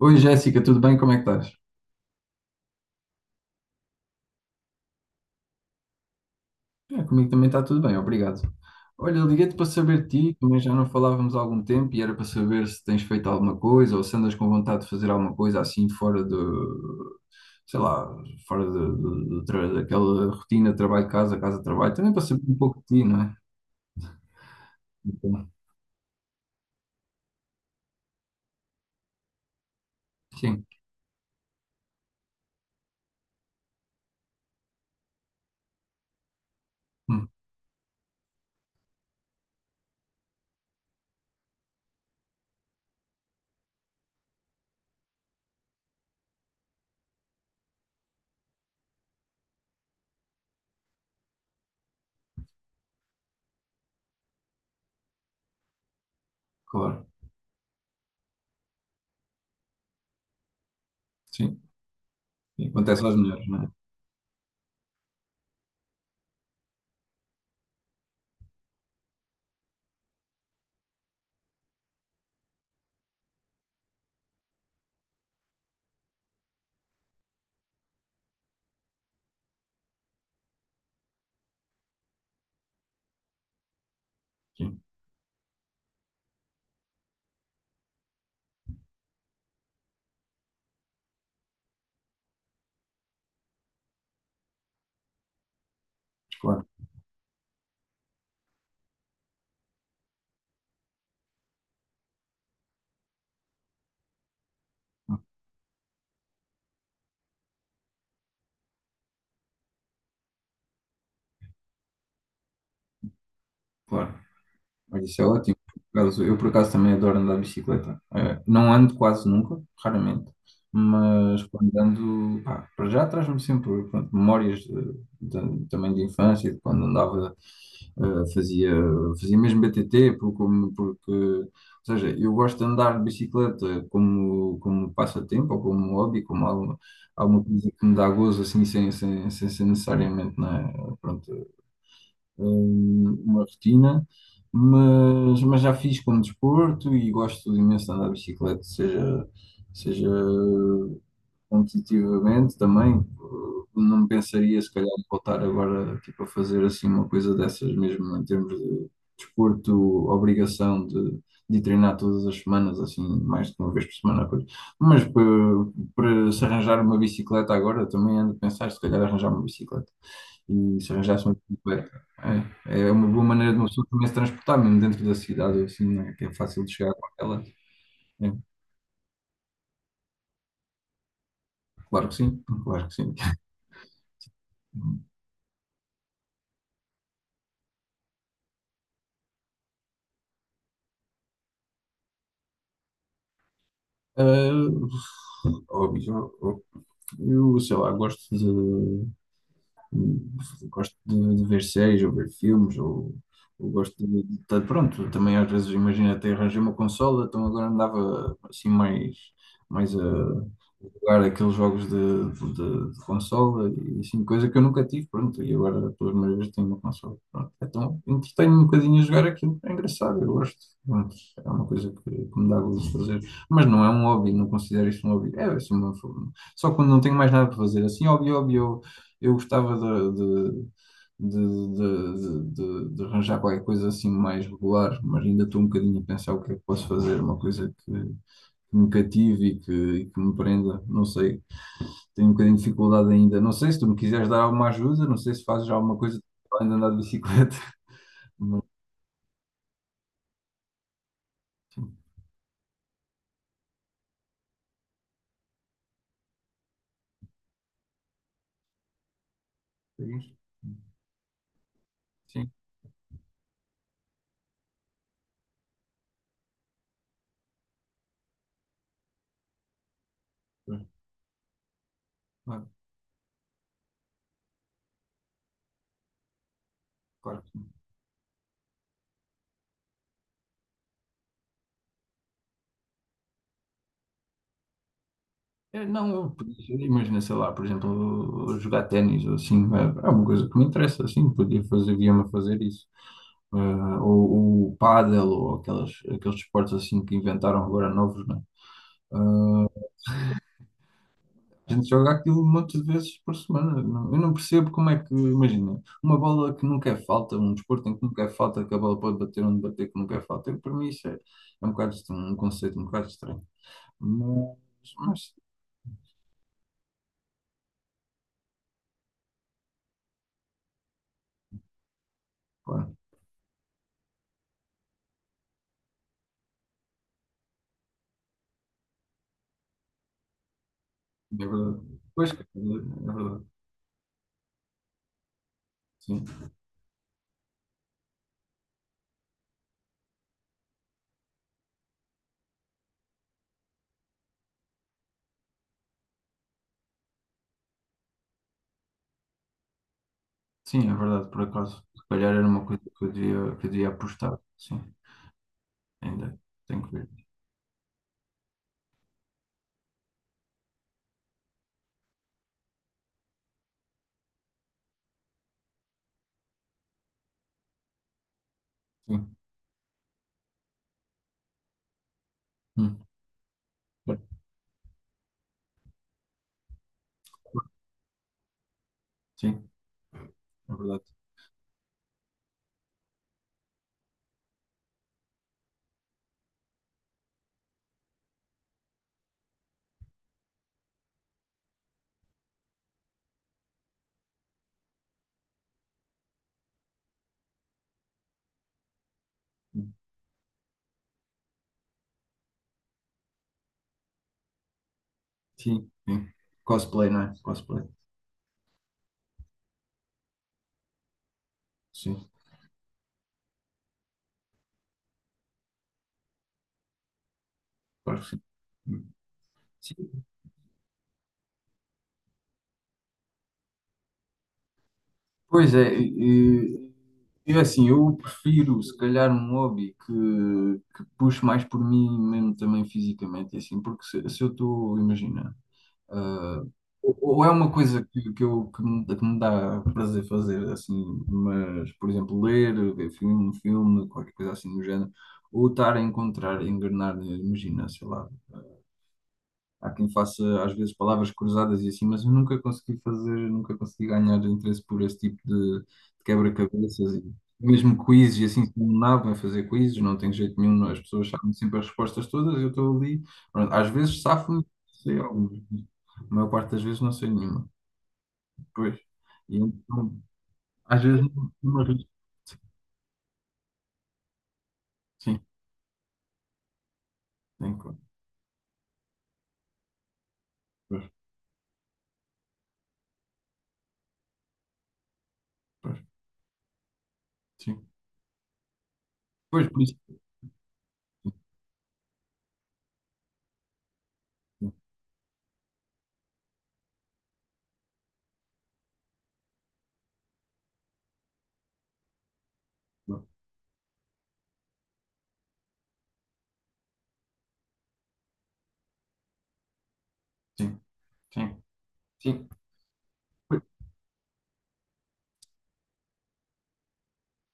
Oi Jéssica, tudo bem? Como é que estás? Ah, comigo também está tudo bem, obrigado. Olha, liguei-te para saber de ti, também já não falávamos há algum tempo e era para saber se tens feito alguma coisa ou se andas com vontade de fazer alguma coisa assim fora de, sei lá, fora de daquela rotina trabalho-casa, casa-trabalho, também para saber um pouco de ti, não é? Então, sim, hum, claro, sim, sim, acontece às mulheres, não é? Sim, claro, claro. Olha, isso é ótimo. Por acaso, eu, por acaso, também adoro andar de bicicleta. Não ando quase nunca, raramente, mas quando ando, pá, para já traz-me sempre, pronto, memórias também de infância, de quando andava, eh, fazia, fazia mesmo BTT, porque, ou seja, eu gosto de andar de bicicleta como, como passatempo ou como hobby, como alguma coisa que me dá gozo, assim, sem ser necessariamente, né, pronto, uma rotina, mas já fiz como desporto e gosto imenso de andar de bicicleta, seja competitivamente também. Não pensaria, se calhar, em voltar agora, tipo, a fazer assim uma coisa dessas, mesmo em termos de desporto, obrigação de treinar todas as semanas, assim, mais de uma vez por semana. Pois. Mas para, para se arranjar uma bicicleta agora, também ando a pensar, se calhar, arranjar uma bicicleta e se arranjasse uma bicicleta. É, é uma boa maneira de uma pessoa também se transportar, mesmo dentro da cidade, assim, né, que é fácil de chegar com ela. É, claro que sim, claro que sim. Ah, Hobbies, eu sei lá, gosto gosto de ver séries ou ver filmes ou gosto pronto, também às vezes, imagina, até arranjei uma consola, então agora andava assim mais a jogar aqueles jogos de consola e assim, coisa que eu nunca tive, pronto, e agora pelas primeiras vezes tenho uma consola, pronto, então entretenho um bocadinho a jogar aquilo, é engraçado, eu gosto, pronto, é uma coisa que me dá gosto de fazer, mas não é um hobby, não considero isso um hobby, é assim, uma forma. Só quando não tenho mais nada para fazer. Assim, hobby, hobby, eu gostava de- de arranjar qualquer coisa assim mais regular, mas ainda estou um bocadinho a pensar o que é que posso fazer, uma coisa que me cative e que me prenda, não sei. Tenho um bocadinho de dificuldade ainda. Não sei se tu me quiseres dar alguma ajuda, não sei se fazes já alguma coisa para além de andar de bicicleta. Mas, sim, é isso. Sim, claro, claro que sim. É, não, eu podia, imagina, sei lá, por exemplo, jogar ténis ou assim, é, é uma coisa que me interessa, assim, podia fazer, via-me a fazer isso. Ou o pádel, ou aqueles esportes assim que inventaram agora novos, né? A gente joga aquilo um monte de vezes por semana. Não, eu não percebo como é que, imagina, uma bola que nunca é falta, um desporto em que nunca é falta, que a bola pode bater onde bater, que nunca é falta. Eu, para mim, isso é, é um bocado estranho, um conceito um bocado estranho. Mas, mas, Pá, é verdade. Pois, é verdade. Sim, sim, é verdade, por acaso. Se calhar era uma coisa que eu devia apostar. Sim, ainda tenho que ver. Sim. Hum. É. Sim, é verdade. Sim, sim. Cosplay, não é? Cosplay. Sim, claro que sim. Hum. Sim. Pois é, e assim, eu prefiro, se calhar, um hobby que puxe mais por mim mesmo também fisicamente, e assim, porque se eu estou, imagina, ah, ou é uma coisa que me dá prazer fazer, assim, mas, por exemplo, ler, ver filme, um filme, qualquer coisa assim do género, ou estar a encontrar, engrenar, imagina, sei lá. Há quem faça às vezes palavras cruzadas e assim, mas eu nunca consegui fazer, nunca consegui ganhar interesse por esse tipo de quebra-cabeças e mesmo quizzes e assim, sou um nabo em fazer quizzes, não tenho jeito nenhum, as pessoas sabem sempre as respostas todas, eu estou ali, pronto, às vezes safo-me, sei algumas, mas a maior parte das vezes não sei nenhuma. Pois, e então, às vezes não, não arrisco. Sim, tem claro. Pois, pois, sim. Pois, por isso. Sim, sim, sim. Sim.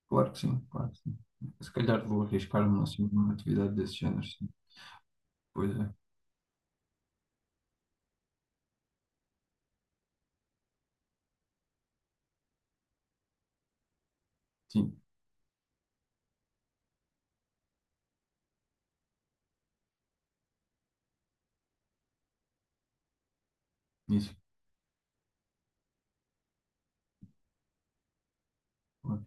Claro que sim, claro que sim. Se calhar vou arriscar-me assim, numa atividade desse género, sim. Pois é, sim, isso, claro.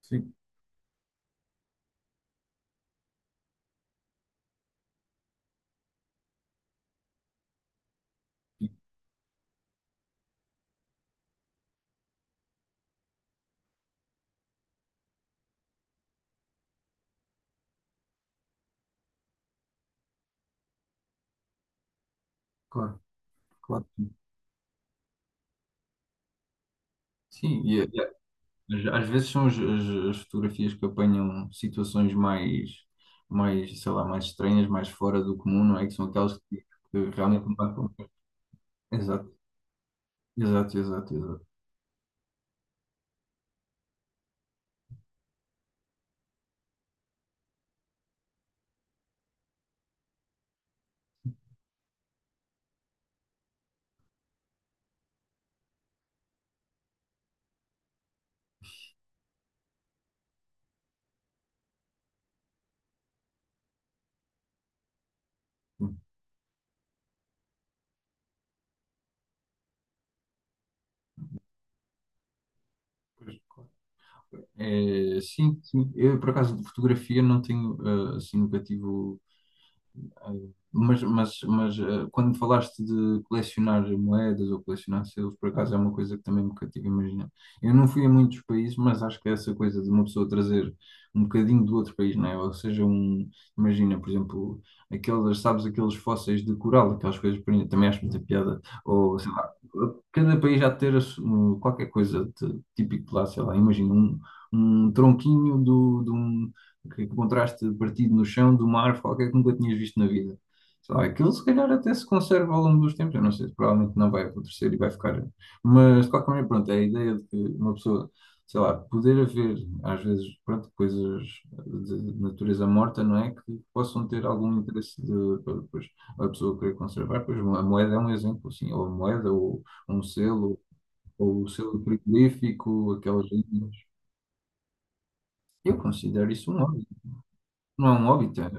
Sim. E, claro, claro que sim. Sim, às às vezes são as fotografias que apanham situações mais, mais, sei lá, mais estranhas, mais fora do comum, não é? Que são aquelas que realmente não marcam. Exato, exato, exato, exato. Sim, pois, claro. É, sim, sim. Eu, por acaso, de fotografia não tenho, eh, assim, nunca tive. Quando falaste de colecionar moedas ou colecionar selos, por acaso é uma coisa que também me cativa imaginar. Eu não fui a muitos países, mas acho que essa coisa de uma pessoa trazer um bocadinho do outro país, não é? Ou seja, um, imagina, por exemplo, aquelas, sabes, aqueles fósseis de coral, aquelas coisas, por exemplo, também acho muita piada. Ou, sei lá, cada país já ter um, qualquer coisa de- típico de lá, sei lá, imagina um, um tronquinho de um que encontraste partido no chão de uma árvore qualquer que nunca tinhas visto na vida. Sei lá, aquilo se calhar até se conserva ao longo dos tempos, eu não sei, provavelmente não vai acontecer e vai ficar. Mas de qualquer maneira, pronto, é a ideia de que uma pessoa, sei lá, poder haver às vezes, pronto, coisas de natureza morta, não é? Que possam ter algum interesse de, para depois a pessoa querer conservar. Pois a moeda é um exemplo, assim, ou a moeda, ou um selo, ou o selo frigorífico, aquelas linhas. Eu considero isso um hobby. Não é um hobby, tá?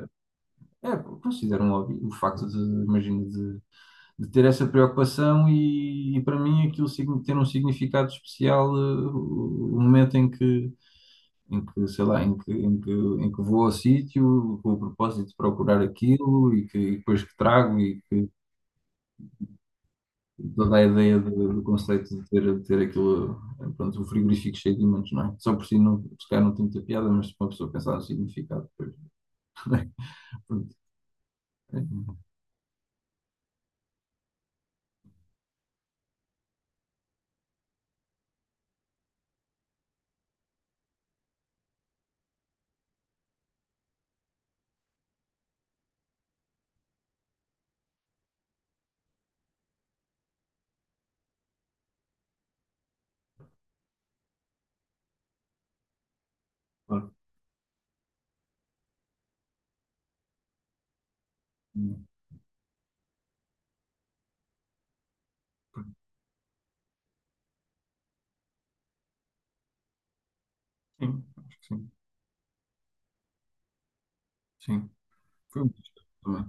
É, considero um hobby o facto imagino, de ter essa preocupação e para mim aquilo signi- ter um significado especial, eh, o momento em que, sei lá, em que vou ao sítio com o propósito de procurar aquilo e que e depois que trago e que toda a ideia do, do conceito de ter aquilo, eh, pronto, o frigorífico cheio de ímãs, não é? Só por si não, se calhar não tem muita piada, mas se uma pessoa pensar no significado, depois, pronto, é, claro, sim, acho que sim. Sim. Foi muito gostoso também.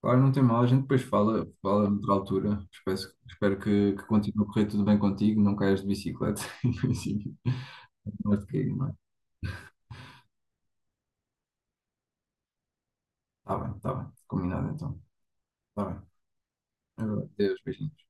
Claro, não tem mal, a gente depois fala, fala noutra altura. Espero, espero que continue a correr tudo bem contigo, não caias de bicicleta, em princípio. Não vais cair, não é? Tá bem, tá bem. Combinado então. Tá bem. Agora, adeus, beijinhos.